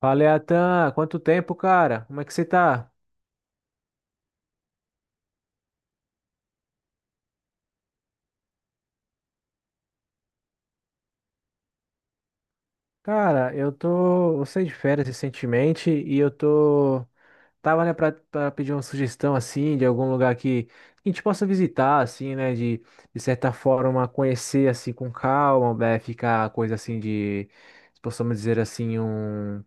Fala, Atan, quanto tempo, cara? Como é que você tá? Cara, eu saí de férias recentemente e eu tô Tava, né, pra pedir uma sugestão, assim, de algum lugar que a gente possa visitar, assim, né, de certa forma conhecer, assim, com calma, né, ficar coisa assim de, possamos dizer assim, um,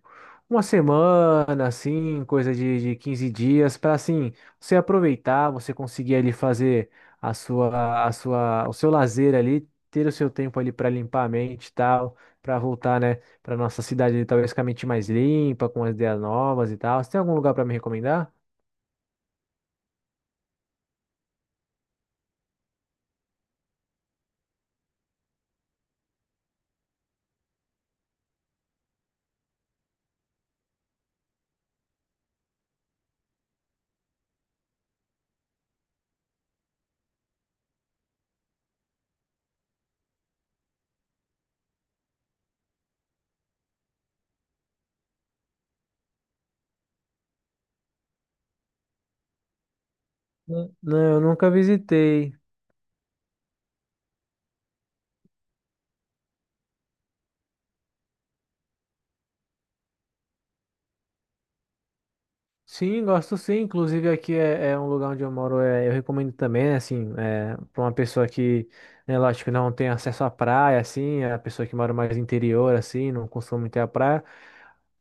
uma semana, assim, coisa de 15 dias, para assim, você aproveitar, você conseguir ali fazer o seu lazer ali, ter o seu tempo ali para limpar a mente e tal, para voltar, né? Para nossa cidade, ali, talvez com a mente mais limpa, com as ideias novas e tal. Você tem algum lugar para me recomendar? Não, não, eu nunca visitei. Sim, gosto sim. Inclusive aqui é um lugar onde eu moro. É, eu recomendo também, né, assim, para uma pessoa que, né, lógico, não tem acesso à praia, assim, é a pessoa que mora mais no interior, assim, não costuma ter a praia.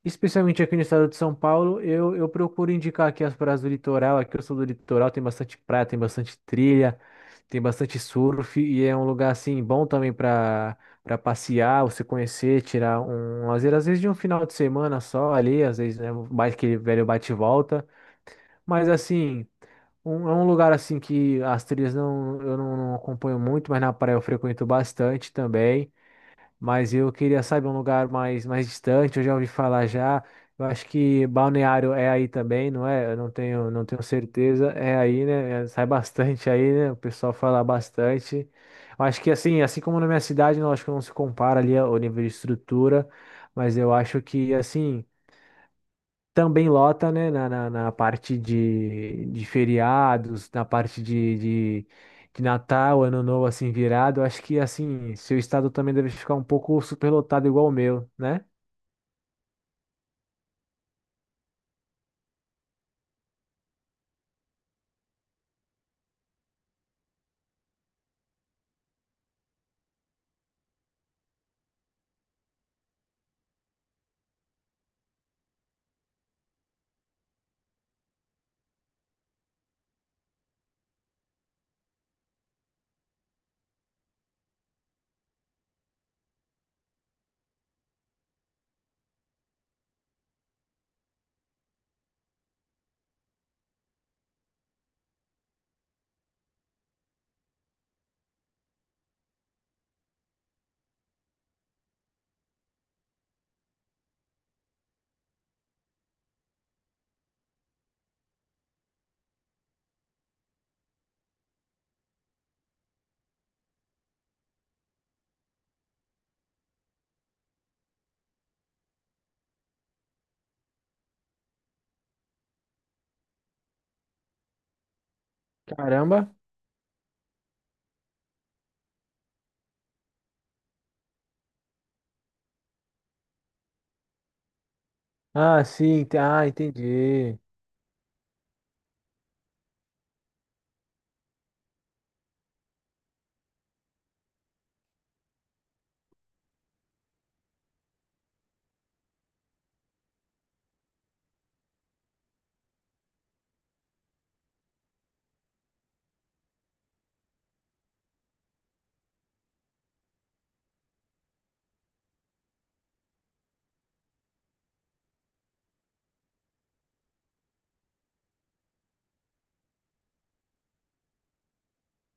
Especialmente aqui no estado de São Paulo, eu procuro indicar aqui as praias do litoral. Aqui eu sou do litoral, tem bastante praia, tem bastante trilha, tem bastante surf e é um lugar assim bom também para passear, você conhecer, tirar um lazer, às vezes de um final de semana só ali, às vezes né, mais aquele velho bate e volta. Mas assim, é um lugar assim que as trilhas não eu não, não acompanho muito, mas na praia eu frequento bastante também, mas eu queria, sabe, um lugar mais, mais distante, eu já ouvi falar já. Eu acho que Balneário é aí também, não é? Eu não tenho, não tenho certeza. É aí, né? É, sai bastante aí, né? O pessoal fala bastante. Eu acho que assim, assim como na minha cidade, não acho que não se compara ali o nível de estrutura, mas eu acho que assim. Também lota, né, na parte de feriados, na parte de, de Natal, Ano Novo, assim, virado. Acho que, assim, seu estado também deve ficar um pouco superlotado igual o meu, né? Caramba. Ah, sim. Ah, entendi.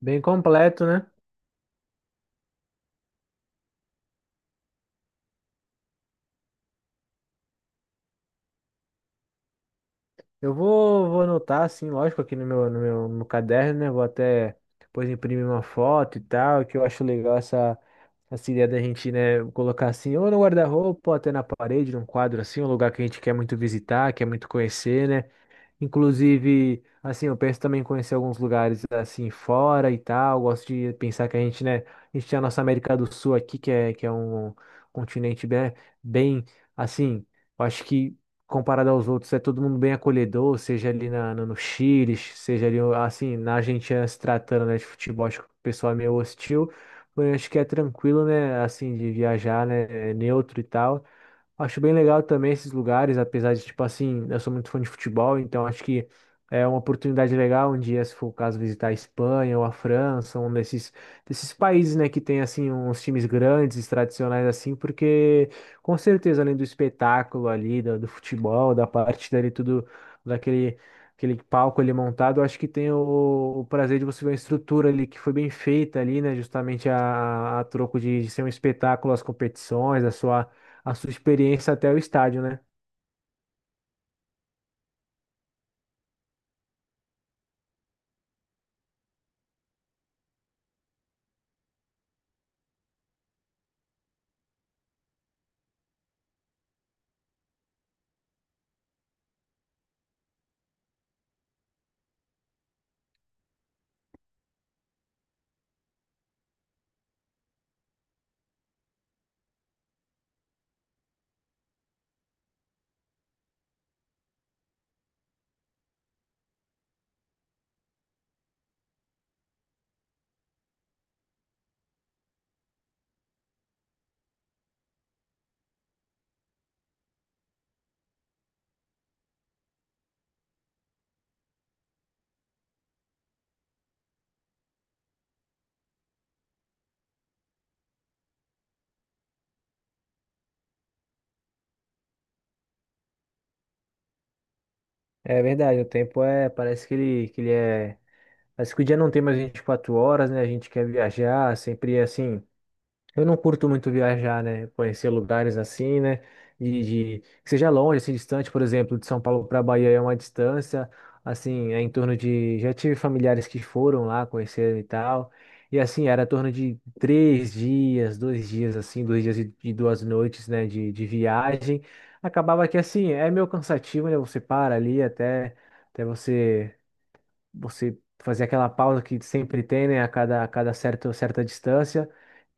Bem completo, né? Eu vou, vou anotar, assim, lógico, aqui no meu caderno, né? Vou até depois imprimir uma foto e tal, que eu acho legal essa ideia da gente, né, colocar assim, ou no guarda-roupa, ou até na parede, num quadro assim, um lugar que a gente quer muito visitar, quer muito conhecer, né? Inclusive, assim, eu penso também em conhecer alguns lugares assim fora e tal. Gosto de pensar que a gente, né, a gente tem a nossa América do Sul aqui, que é um continente bem, bem, assim, eu acho que comparado aos outros, é todo mundo bem acolhedor, seja ali na, no Chile, seja ali, assim, na Argentina se tratando, né, de futebol, acho que o pessoal é meio hostil. Porém, acho que é tranquilo, né, assim, de viajar, né, é neutro e tal. Acho bem legal também esses lugares, apesar de, tipo assim, eu sou muito fã de futebol, então acho que é uma oportunidade legal um dia, se for o caso, visitar a Espanha ou a França, um desses países, né, que tem, assim, uns times grandes, tradicionais, assim, porque com certeza, além do espetáculo ali, do, do futebol, da partida ali, tudo, daquele aquele palco ali montado, eu acho que tem o prazer de você ver a estrutura ali, que foi bem feita ali, né, justamente a troco de ser um espetáculo, as competições, a sua experiência até o estádio, né? É verdade, o tempo é, parece que ele é, parece que o dia não tem mais 24 horas, né? A gente quer viajar, sempre é assim, eu não curto muito viajar, né? Conhecer lugares assim, né? De, que seja longe, assim, distante, por exemplo, de São Paulo para Bahia é uma distância, assim, é em torno de. Já tive familiares que foram lá conheceram e tal. E assim, era em torno de três dias, dois dias, assim, dois dias e duas noites, né? De viagem. Acabava que assim, é meio cansativo, né? Você para ali até, até você você fazer aquela pausa que sempre tem, né, a cada certo, certa distância.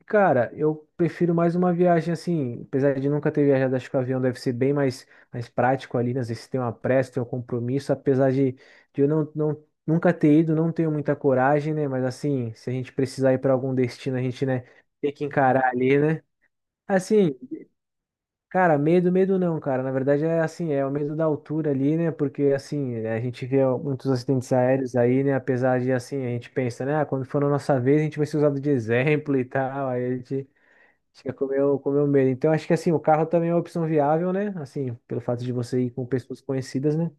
Cara, eu prefiro mais uma viagem assim, apesar de nunca ter viajado, acho que o avião deve ser bem mais, mais prático ali, né? Às vezes tem uma pressa, tem um compromisso, apesar de eu nunca ter ido, não tenho muita coragem, né? Mas assim, se a gente precisar ir para algum destino, a gente, né, tem que encarar ali, né? Assim, cara, medo, medo não, cara. Na verdade é assim, é o medo da altura ali, né? Porque assim, a gente vê muitos acidentes aéreos aí, né? Apesar de assim, a gente pensa, né? Ah, quando for na nossa vez, a gente vai ser usado de exemplo e tal. Aí a gente fica com com o meu medo. Então acho que assim, o carro também é uma opção viável, né? Assim, pelo fato de você ir com pessoas conhecidas, né?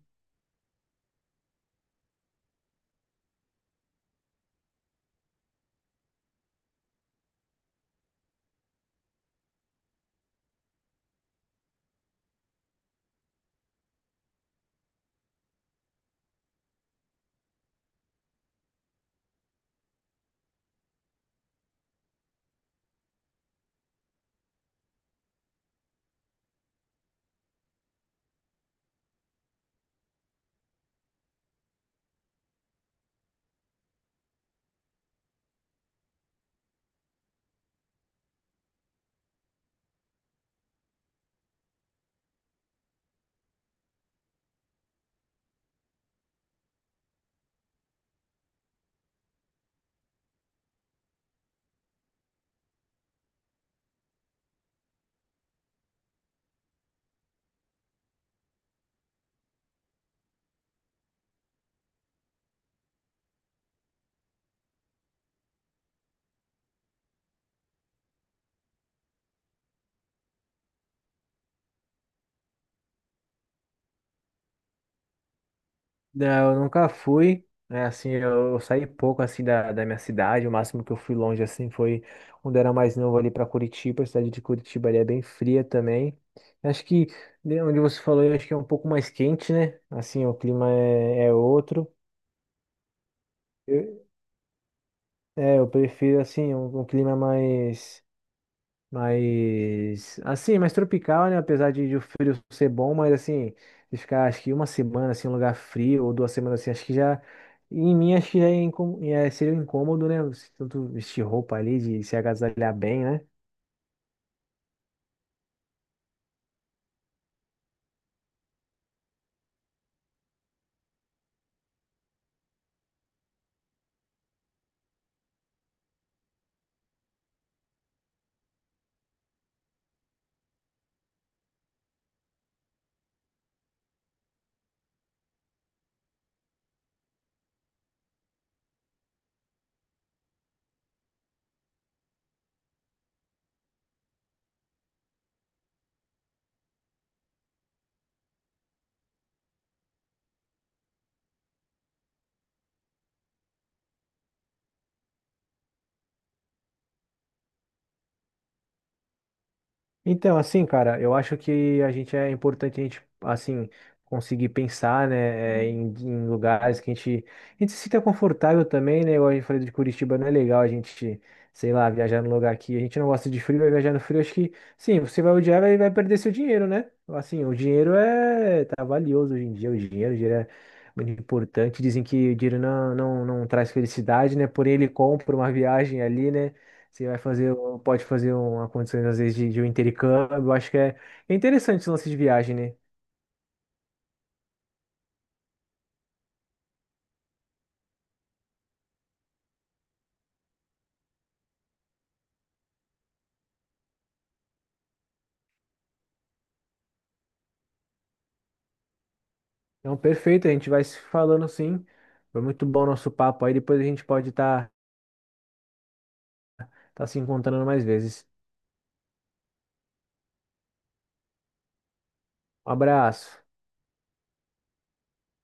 Não, eu nunca fui. Né, assim, eu saí pouco assim da, da minha cidade. O máximo que eu fui longe assim foi quando era mais novo ali para Curitiba. A cidade de Curitiba ali é bem fria também. Acho que né, onde você falou, eu acho que é um pouco mais quente, né? Assim, o clima é, é outro. Eu, é, eu prefiro assim um, um clima mais, mas, assim, mais tropical, né? Apesar de o frio ser bom, mas assim, de ficar acho que uma semana assim, em um lugar frio, ou duas semanas assim, acho que já. Em mim, acho que já é, seria um incômodo, né? Você tanto vestir roupa ali, de se agasalhar bem, né? Então, assim, cara, eu acho que a gente é importante a gente, assim, conseguir pensar, né, é, em, em lugares que a gente se sinta confortável também, né? Igual a gente falou de Curitiba, não é legal a gente, sei lá, viajar num lugar que a gente não gosta de frio, vai viajar no frio, acho que, sim, você vai odiar e vai, vai perder seu dinheiro, né? Assim, o dinheiro é, tá valioso hoje em dia, o dinheiro é muito importante. Dizem que o dinheiro não traz felicidade, né? Porém, ele compra uma viagem ali, né? Você vai fazer, um, pode fazer uma condição, às vezes, de um intercâmbio. Eu acho que é, é interessante esse lance de viagem, né? Então, perfeito, a gente vai se falando sim. Foi muito bom o nosso papo aí. Depois a gente pode estar tá se encontrando mais vezes. Um abraço.